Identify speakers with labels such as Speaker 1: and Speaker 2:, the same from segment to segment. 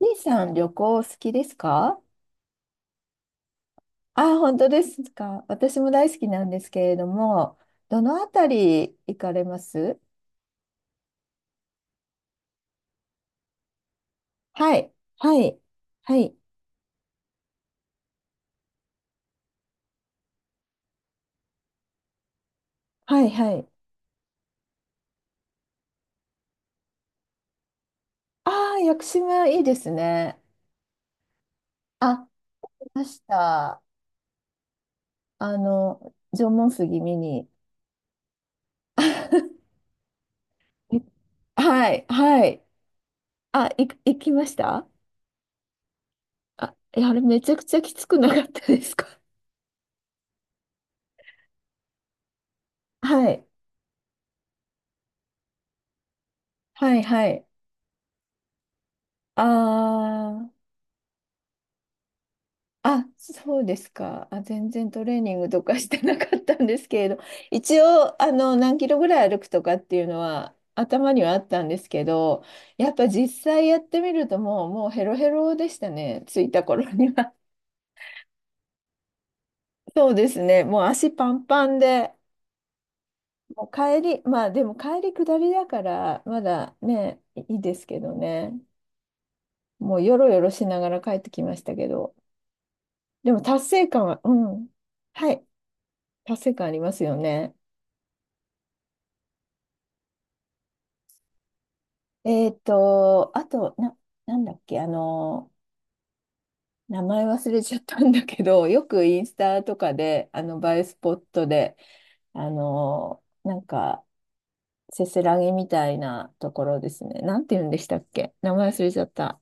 Speaker 1: 姉さん、旅行好きですか？あ、本当ですか。私も大好きなんですけれども、どのあたり行かれます？はい、はい、はい、はい、はい。ああ、屋久島いいですね。あ、いました。縄文杉見に。はい、はい。あ、行きました？あ、いやあれめちゃくちゃきつくなかったですか？はい、はい、はい。ああ、そうですか。あ、全然トレーニングとか してなかったんですけれど、一応、何キロぐらい歩くとかっていうのは頭にはあったんですけど、やっぱ実際やってみるともう、もうヘロヘロでしたね、着いた頃には。そうですね、もう足パンパンで、もう帰り、まあでも帰り下りだから、まだね、いいですけどね、もうよろよろしながら帰ってきましたけど、でも達成感は、うん、はい、達成感ありますよね。あと、なんだっけ、名前忘れちゃったんだけど、よくインスタとかで、映えスポットで、あの、なんか、せせらぎみたいなところですね。なんて言うんでしたっけ、名前忘れちゃった。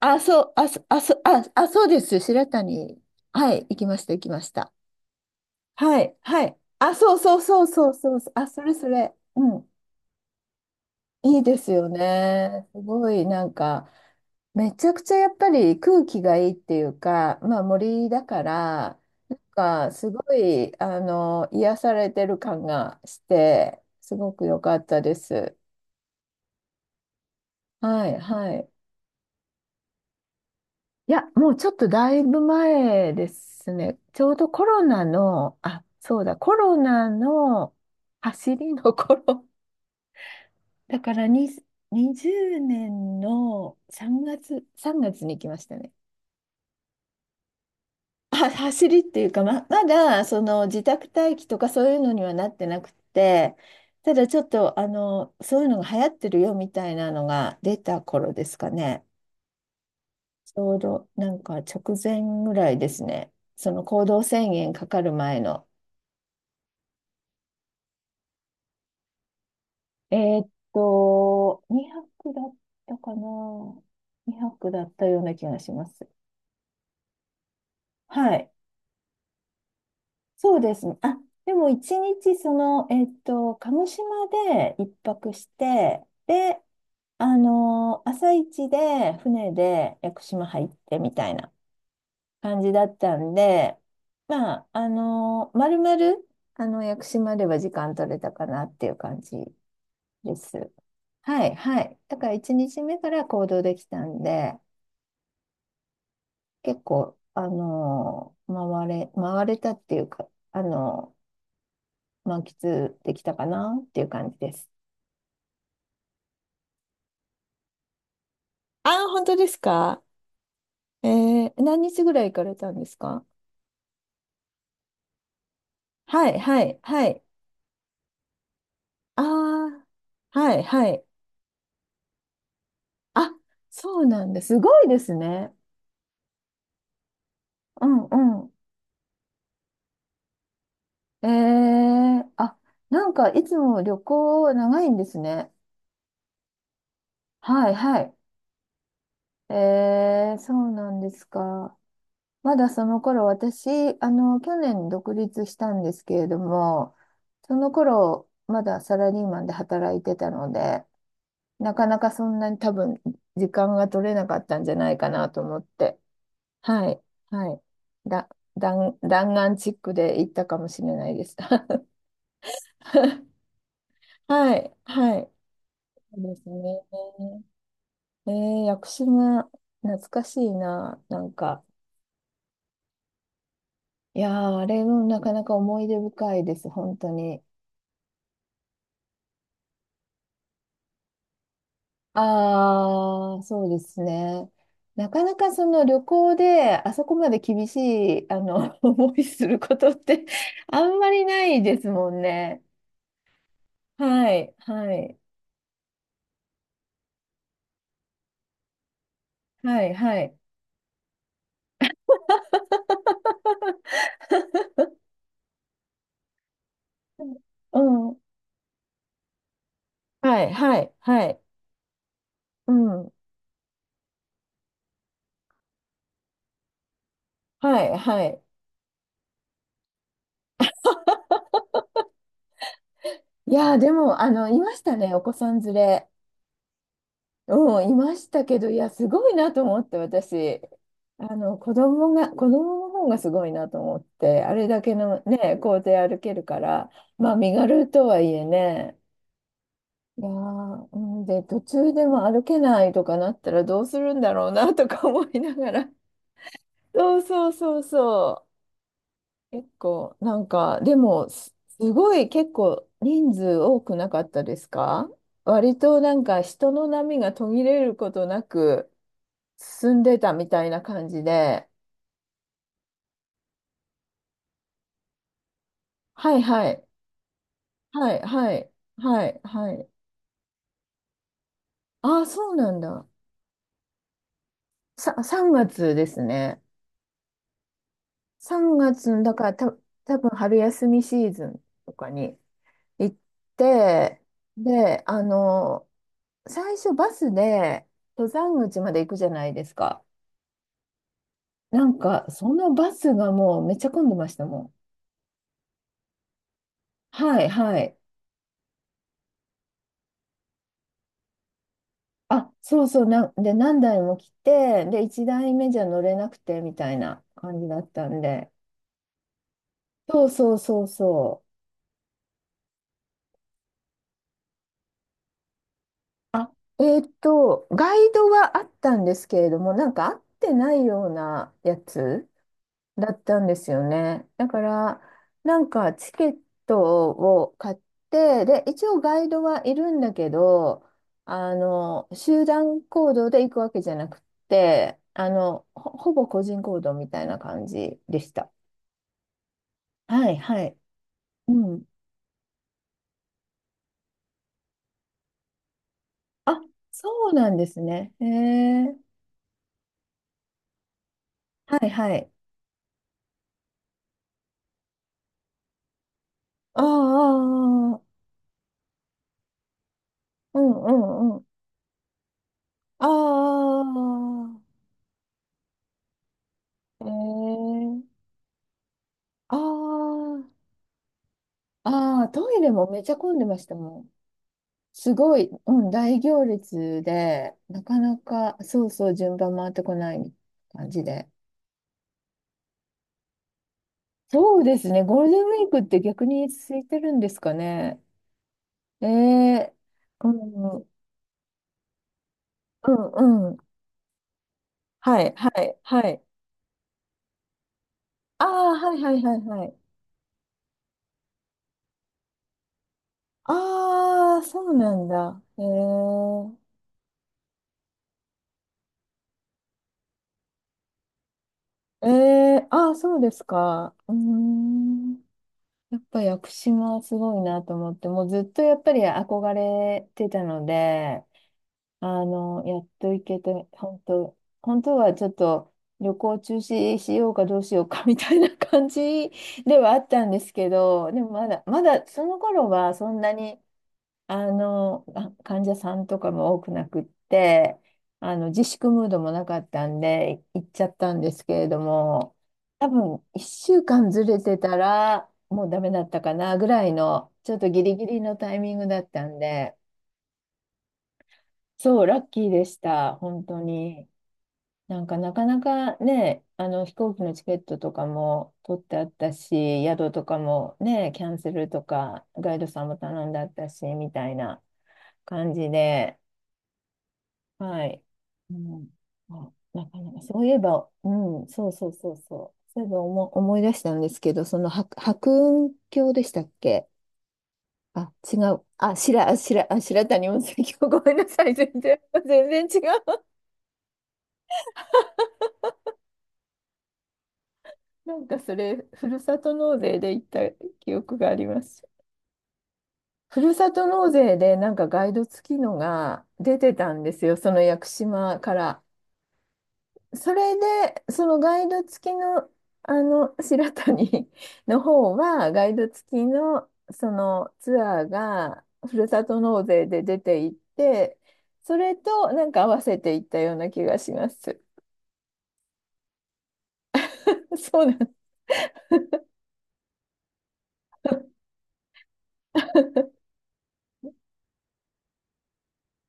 Speaker 1: あ、そう、あ、そあ、そあ、あ、そうです。白谷。はい、行きました、行きました。はい、はい。あ、そうそうそうそうそう。あ、それそれ。うん。いいですよね。すごいなんか、めちゃくちゃやっぱり空気がいいっていうか、まあ森だから、なんかすごい、癒されてる感がして、すごく良かったです。はい、はい。いや、もうちょっとだいぶ前ですね。ちょうどコロナの、あ、そうだ、コロナの走りの頃。だから、20年の3月、3月に行きましたね。は走りっていうか、まだその自宅待機とかそういうのにはなってなくって、ただちょっとあのそういうのが流行ってるよみたいなのが出た頃ですかね。ちょうどなんか直前ぐらいですね。その行動制限かかる前の。2泊だったかな。2泊だったような気がします。はい。そうですね。あ、でも一日その、鹿児島で一泊して、で、あの朝一で船で屋久島入ってみたいな感じだったんで、まあ、あのまるまる、あの、屋久島では時間取れたかなっていう感じです。はい、はい。だから一日目から行動できたんで、結構、回れたっていうか、あの満喫できたかなっていう感じです。ああ、本当ですか？えー、何日ぐらい行かれたんですか？はい、はい、はい。ああ、はい、はい。あ、そうなんだ。すごいですね。うん、うん。えー、あ、なんかいつも旅行長いんですね。はい、はい。えー、そうなんですか。まだその頃、私、去年独立したんですけれども、その頃、まだサラリーマンで働いてたので、なかなかそんなに多分、時間が取れなかったんじゃないかなと思って、はい、はい。だ、弾丸チックで行ったかもしれないです。はい、はい。そうですね。えー、屋久島、懐かしいな、なんか。いやー、あれもなかなか思い出深いです、本当に。ああ、そうですね。なかなかその旅行であそこまで厳しい思いすることって あんまりないですもんね。はい、はい、はい、はい。うん、はい、はい、はい。うん、はい、はい。いやー、でも、いましたね、お子さん連れ。うん、いましたけど、いや、すごいなと思って、私、子供の方がすごいなと思って、あれだけのね、校庭歩けるから、まあ、身軽とはいえね、いやー、うん、で、途中でも歩けないとかなったらどうするんだろうなとか思いながら、そうそうそうそう、結構、なんか、でも、すごい結構人数多くなかったですか？割となんか人の波が途切れることなく、進んでたみたいな感じで、はいはい、はいはい、はい、はい。ああ、そうなんだ。3月ですね。3月の、だから、多分春休みシーズンとかに行って、で、最初バスで登山口まで行くじゃないですか。なんか、そのバスがもうめっちゃ混んでましたもん。はいはい。あ、そうそう、なん、で、何台も来て、で、1台目じゃ乗れなくてみたいな感じだったんで、そうそうそうそう。あ、ガイドはあったんですけれども、なんか合ってないようなやつだったんですよね。だから、なんかチケットを買って、で、一応ガイドはいるんだけど、集団行動で行くわけじゃなくって、ほぼ個人行動みたいな感じでした。はい、はい。うん。あ、そうなんですね。へえ。はい、はい。ああ、ああ、うん、うん、うん。ああ、へえ。ああ、ああ、トイレもめちゃ混んでましたもん。すごい、うん、大行列で、なかなか、そうそう、順番回ってこない感じで。そうですね。ゴールデンウィークって逆に空いてるんですかね。ええ。うん、うん、うん。はい、はい、はい。ああ、はいはいはいはい。ああ、そうなんだ。へえ。ええ、ああ、そうですか。うーん。やっぱ屋久島はすごいなと思って、もうずっとやっぱり憧れてたので、やっと行けて、本当、本当はちょっと旅行中止しようかどうしようかみたいな感じではあったんですけど、でもまだ、まだその頃はそんなに、患者さんとかも多くなくって、自粛ムードもなかったんで、行っちゃったんですけれども、多分1週間ずれてたら、もうダメだったかなぐらいの、ちょっとギリギリのタイミングだったんで、そう、ラッキーでした、本当に。なんか、なかなかね、飛行機のチケットとかも取ってあったし、宿とかもね、キャンセルとか、ガイドさんも頼んであったし、みたいな。感じで、はい。うん、あ、なかなか、そういえば、うん、そうそうそうそう。そういえば思い出したんですけど、その白雲峡でしたっけ？あ、違う。あ、白、あ白、あ、白谷温泉郷。ごめんなさい。全然、全然違う。なんかそれ、ふるさと納税で行った記憶があります。ふるさと納税でなんかガイド付きのが出てたんですよ。その屋久島から。それで、そのガイド付きの、白谷 の方は、ガイド付きの、そのツアーが、ふるさと納税で出ていって、それと、なんか合わせていったような気がします。そうなん